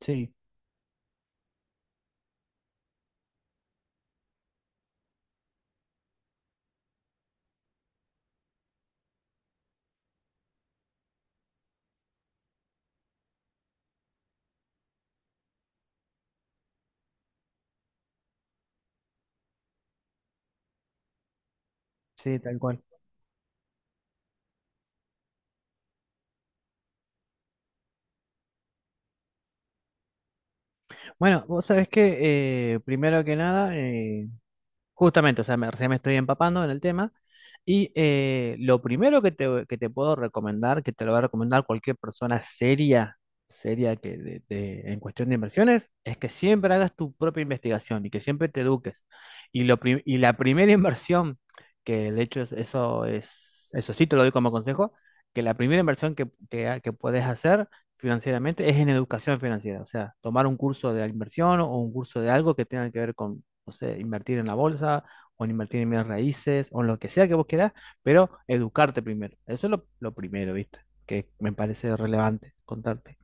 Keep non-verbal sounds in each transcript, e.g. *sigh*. Sí, sí, tal cual. Bueno, vos sabés que primero que nada, justamente, o sea, recién me estoy empapando en el tema. Y lo primero que que te puedo recomendar, que te lo va a recomendar cualquier persona seria que en cuestión de inversiones, es que siempre hagas tu propia investigación y que siempre te eduques. Y la primera *laughs* inversión, que de hecho eso sí te lo doy como consejo, que la primera inversión que puedes hacer financieramente es en educación financiera. O sea, tomar un curso de inversión o un curso de algo que tenga que ver no sé, invertir en la bolsa o en invertir en bienes raíces o en lo que sea que vos quieras, pero educarte primero. Eso es lo primero, ¿viste? Que me parece relevante contarte.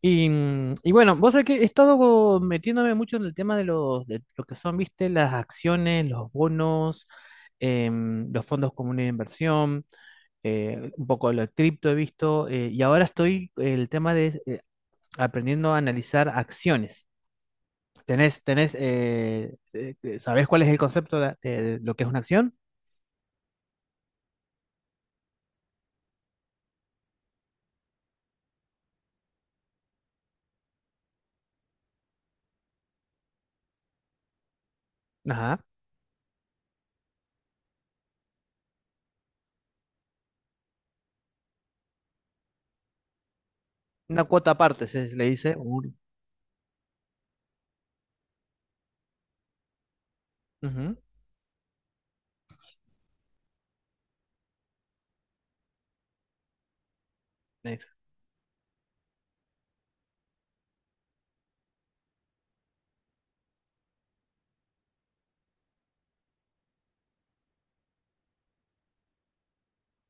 Y bueno, vos sabés que he estado metiéndome mucho en el tema de lo que son, ¿viste? Las acciones, los bonos. Los fondos comunes de inversión, un poco lo de cripto he visto, y ahora estoy el tema de aprendiendo a analizar acciones. ¿Sabés cuál es el concepto de lo que es una acción? Ajá. Una cuota aparte, se le dice. Ujú. ex-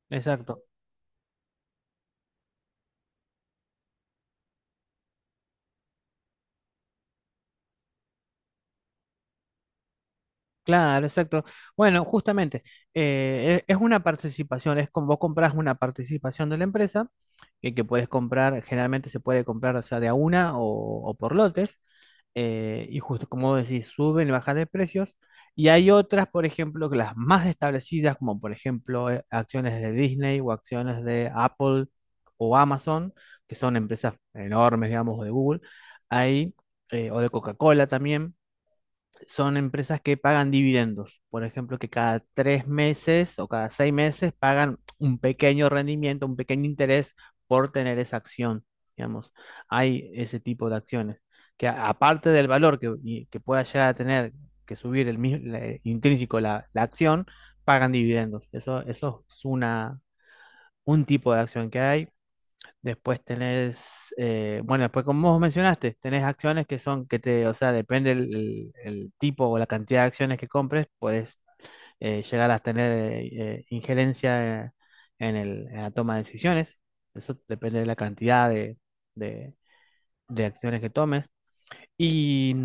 Exacto. Claro, exacto. Bueno, justamente, es una participación, es como vos compras una participación de la empresa, que puedes comprar, generalmente se puede comprar, o sea, de a una o por lotes. Y justo como vos decís, suben y bajan de precios. Y hay otras, por ejemplo, que las más establecidas, como por ejemplo acciones de Disney o acciones de Apple o Amazon, que son empresas enormes, digamos, o de Google, ahí, o de Coca-Cola también son empresas que pagan dividendos. Por ejemplo, que cada 3 meses o cada 6 meses pagan un pequeño rendimiento, un pequeño interés por tener esa acción. Digamos, hay ese tipo de acciones que aparte del valor que, y que pueda llegar a tener que subir el mismo intrínseco la acción, pagan dividendos. Eso es un tipo de acción que hay. Después tenés, bueno, después como vos mencionaste, tenés acciones que son, o sea, depende el tipo o la cantidad de acciones que compres, puedes llegar a tener injerencia en la toma de decisiones. Eso depende de la cantidad de- de acciones que tomes. Y,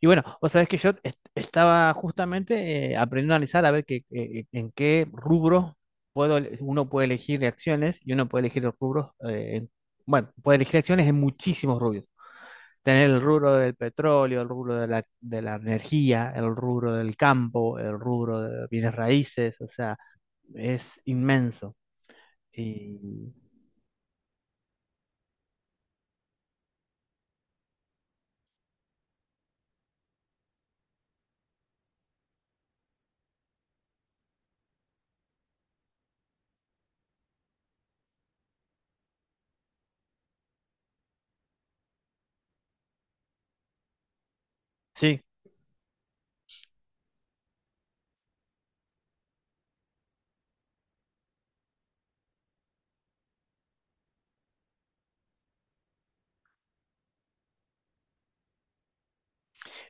y bueno, o sabes que yo estaba justamente aprendiendo a analizar a ver que, en qué rubros uno puede elegir acciones y uno puede elegir los rubros, bueno, puede elegir acciones en muchísimos rubros. Tener el rubro del petróleo, el rubro de la energía, el rubro del campo, el rubro de bienes raíces, o sea, es inmenso. Y sí.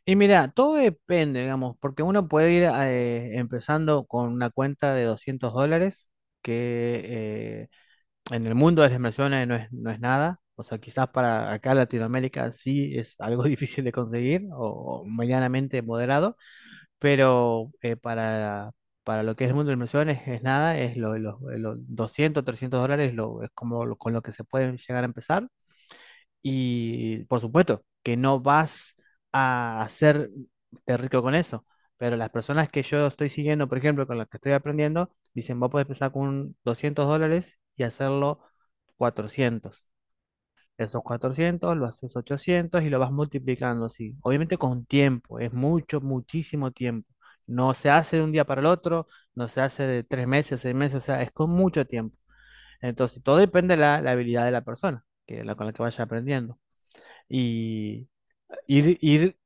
Y mira, todo depende, digamos, porque uno puede ir empezando con una cuenta de 200 dólares, que en el mundo de las inversiones no es nada. O sea, quizás para acá Latinoamérica sí es algo *laughs* difícil de conseguir o medianamente moderado, pero para lo que es el mundo de las inversiones es nada, es los 200, 300 dólares lo, es como lo- con lo que se puede llegar a empezar. Y por supuesto que no vas a hacerte rico con eso, pero las personas que yo estoy siguiendo, por ejemplo, con las que estoy aprendiendo, dicen, vos podés empezar con 200 dólares y hacerlo 400. Esos 400 lo haces 800 y lo vas multiplicando así. Obviamente con tiempo, es mucho, muchísimo tiempo. No se hace de un día para el otro, no se hace de 3 meses, 6 meses, o sea, es con mucho tiempo. Entonces, todo depende de la habilidad de la persona que, con la que vaya aprendiendo y ir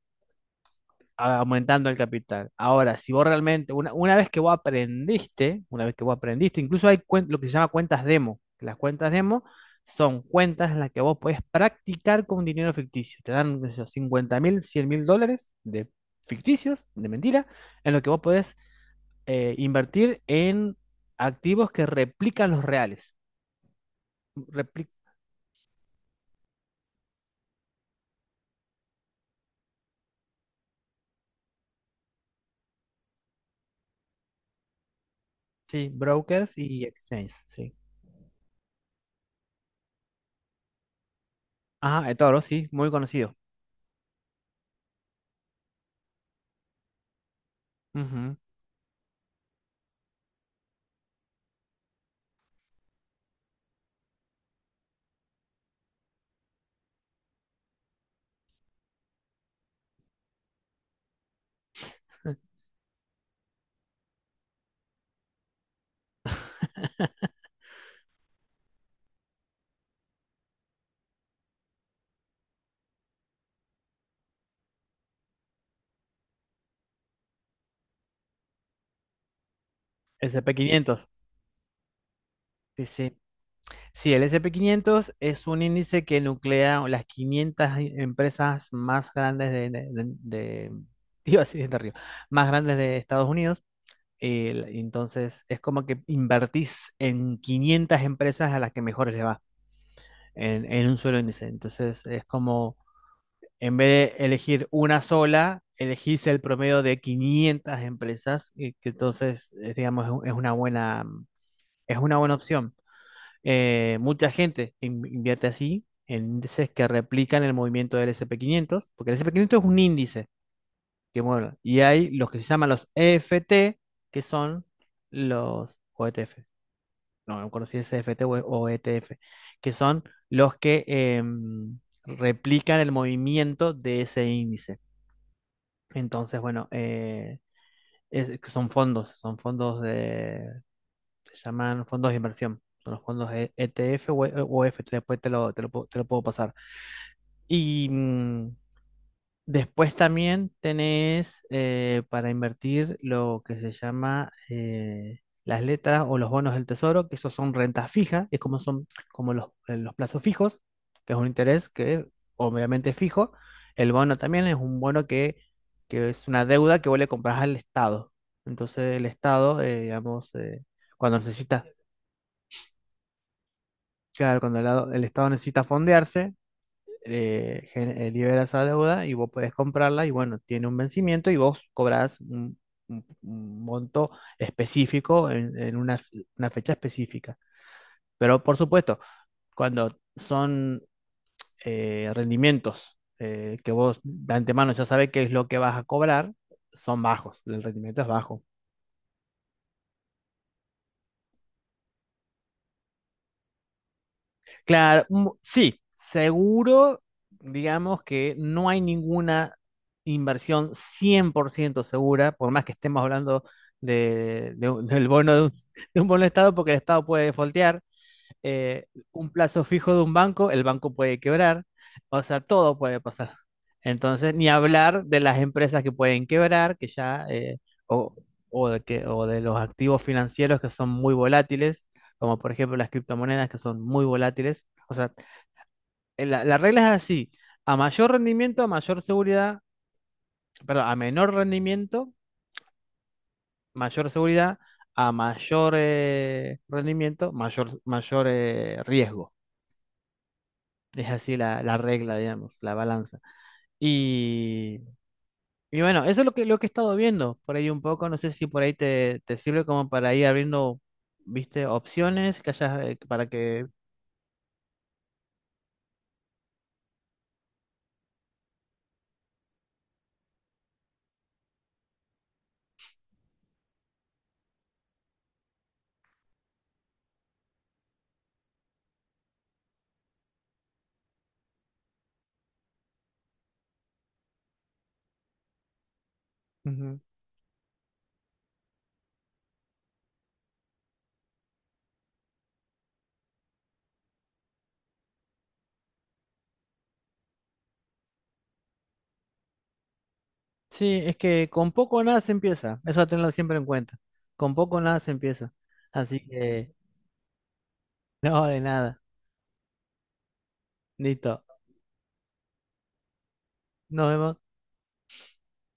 aumentando el capital. Ahora, si vos realmente, una vez que vos aprendiste, incluso hay lo que se llama cuentas demo. Que Las cuentas demo son cuentas en las que vos podés practicar con dinero ficticio. Te dan, qué sé yo, 50 mil, cien mil dólares de ficticios, de mentira, en lo que vos podés invertir en activos que replican los reales. Repli- sí, brokers y exchanges, sí. Ajá, eToro, sí, muy conocido. El S&P 500. Sí, sí. Sí, el sp quinientos es un índice que nuclea las 500 empresas más grandes *laughs* iba a decir de Río, más grandes de Estados Unidos. Entonces, es como que invertís en 500 empresas a las que mejor les va en un solo índice. Entonces, es como, en vez de elegir una sola, elegís el promedio de 500 empresas y que entonces, digamos, es una buena opción. Mucha gente invierte así en índices que replican el movimiento del S&P 500, porque el S&P 500 es un índice que mueve. Y hay los que se llaman los EFT, que son los o ETF. No, no conocí ese EFT o, E, o ETF, que son los que replican el movimiento de ese índice. Entonces, bueno, son fondos de se llaman fondos de inversión. Son los fondos ETF o EF. Después te lo puedo pasar. Y después también tenés para invertir lo que se llama las letras o los bonos del tesoro, que esos son rentas fijas, es como son como los plazos fijos, que es un interés que obviamente es fijo. El bono también es un bono que es una deuda que vos le comprás al Estado. Entonces el Estado, digamos, cuando necesitas. Claro, cuando el Estado necesita fondearse, libera esa deuda y vos podés comprarla y bueno, tiene un vencimiento y vos cobrás un monto específico en una fecha específica. Pero por supuesto, cuando son rendimientos que vos de antemano ya sabés qué es lo que vas a cobrar, son bajos, el rendimiento es bajo. Claro, mm, sí, seguro, digamos que no hay ninguna inversión 100% segura, por más que estemos hablando del bono *laughs* de un bono de Estado, porque el Estado puede defaultear, eh, un plazo fijo de un banco, el banco puede quebrar, o sea, todo puede pasar. Entonces, ni hablar de las empresas que pueden quebrar, que ya, o, o de los activos financieros que son muy volátiles, como por ejemplo las criptomonedas que son muy volátiles. O sea, la regla es así, a mayor rendimiento, a mayor seguridad, perdón, a menor rendimiento, mayor seguridad, a mayor rendimiento, mayor riesgo. Es así la regla, digamos, la balanza. Y, y bueno, eso es lo que, he estado viendo por ahí un poco. No sé si por ahí te sirve como para ir abriendo, viste, opciones que hayas, para que. Ujú. Sí, es que con poco o nada se empieza. Eso tenlo siempre en cuenta. Con poco o nada se empieza. Así que, *laughs* no, de nada. Listo. Nos vemos.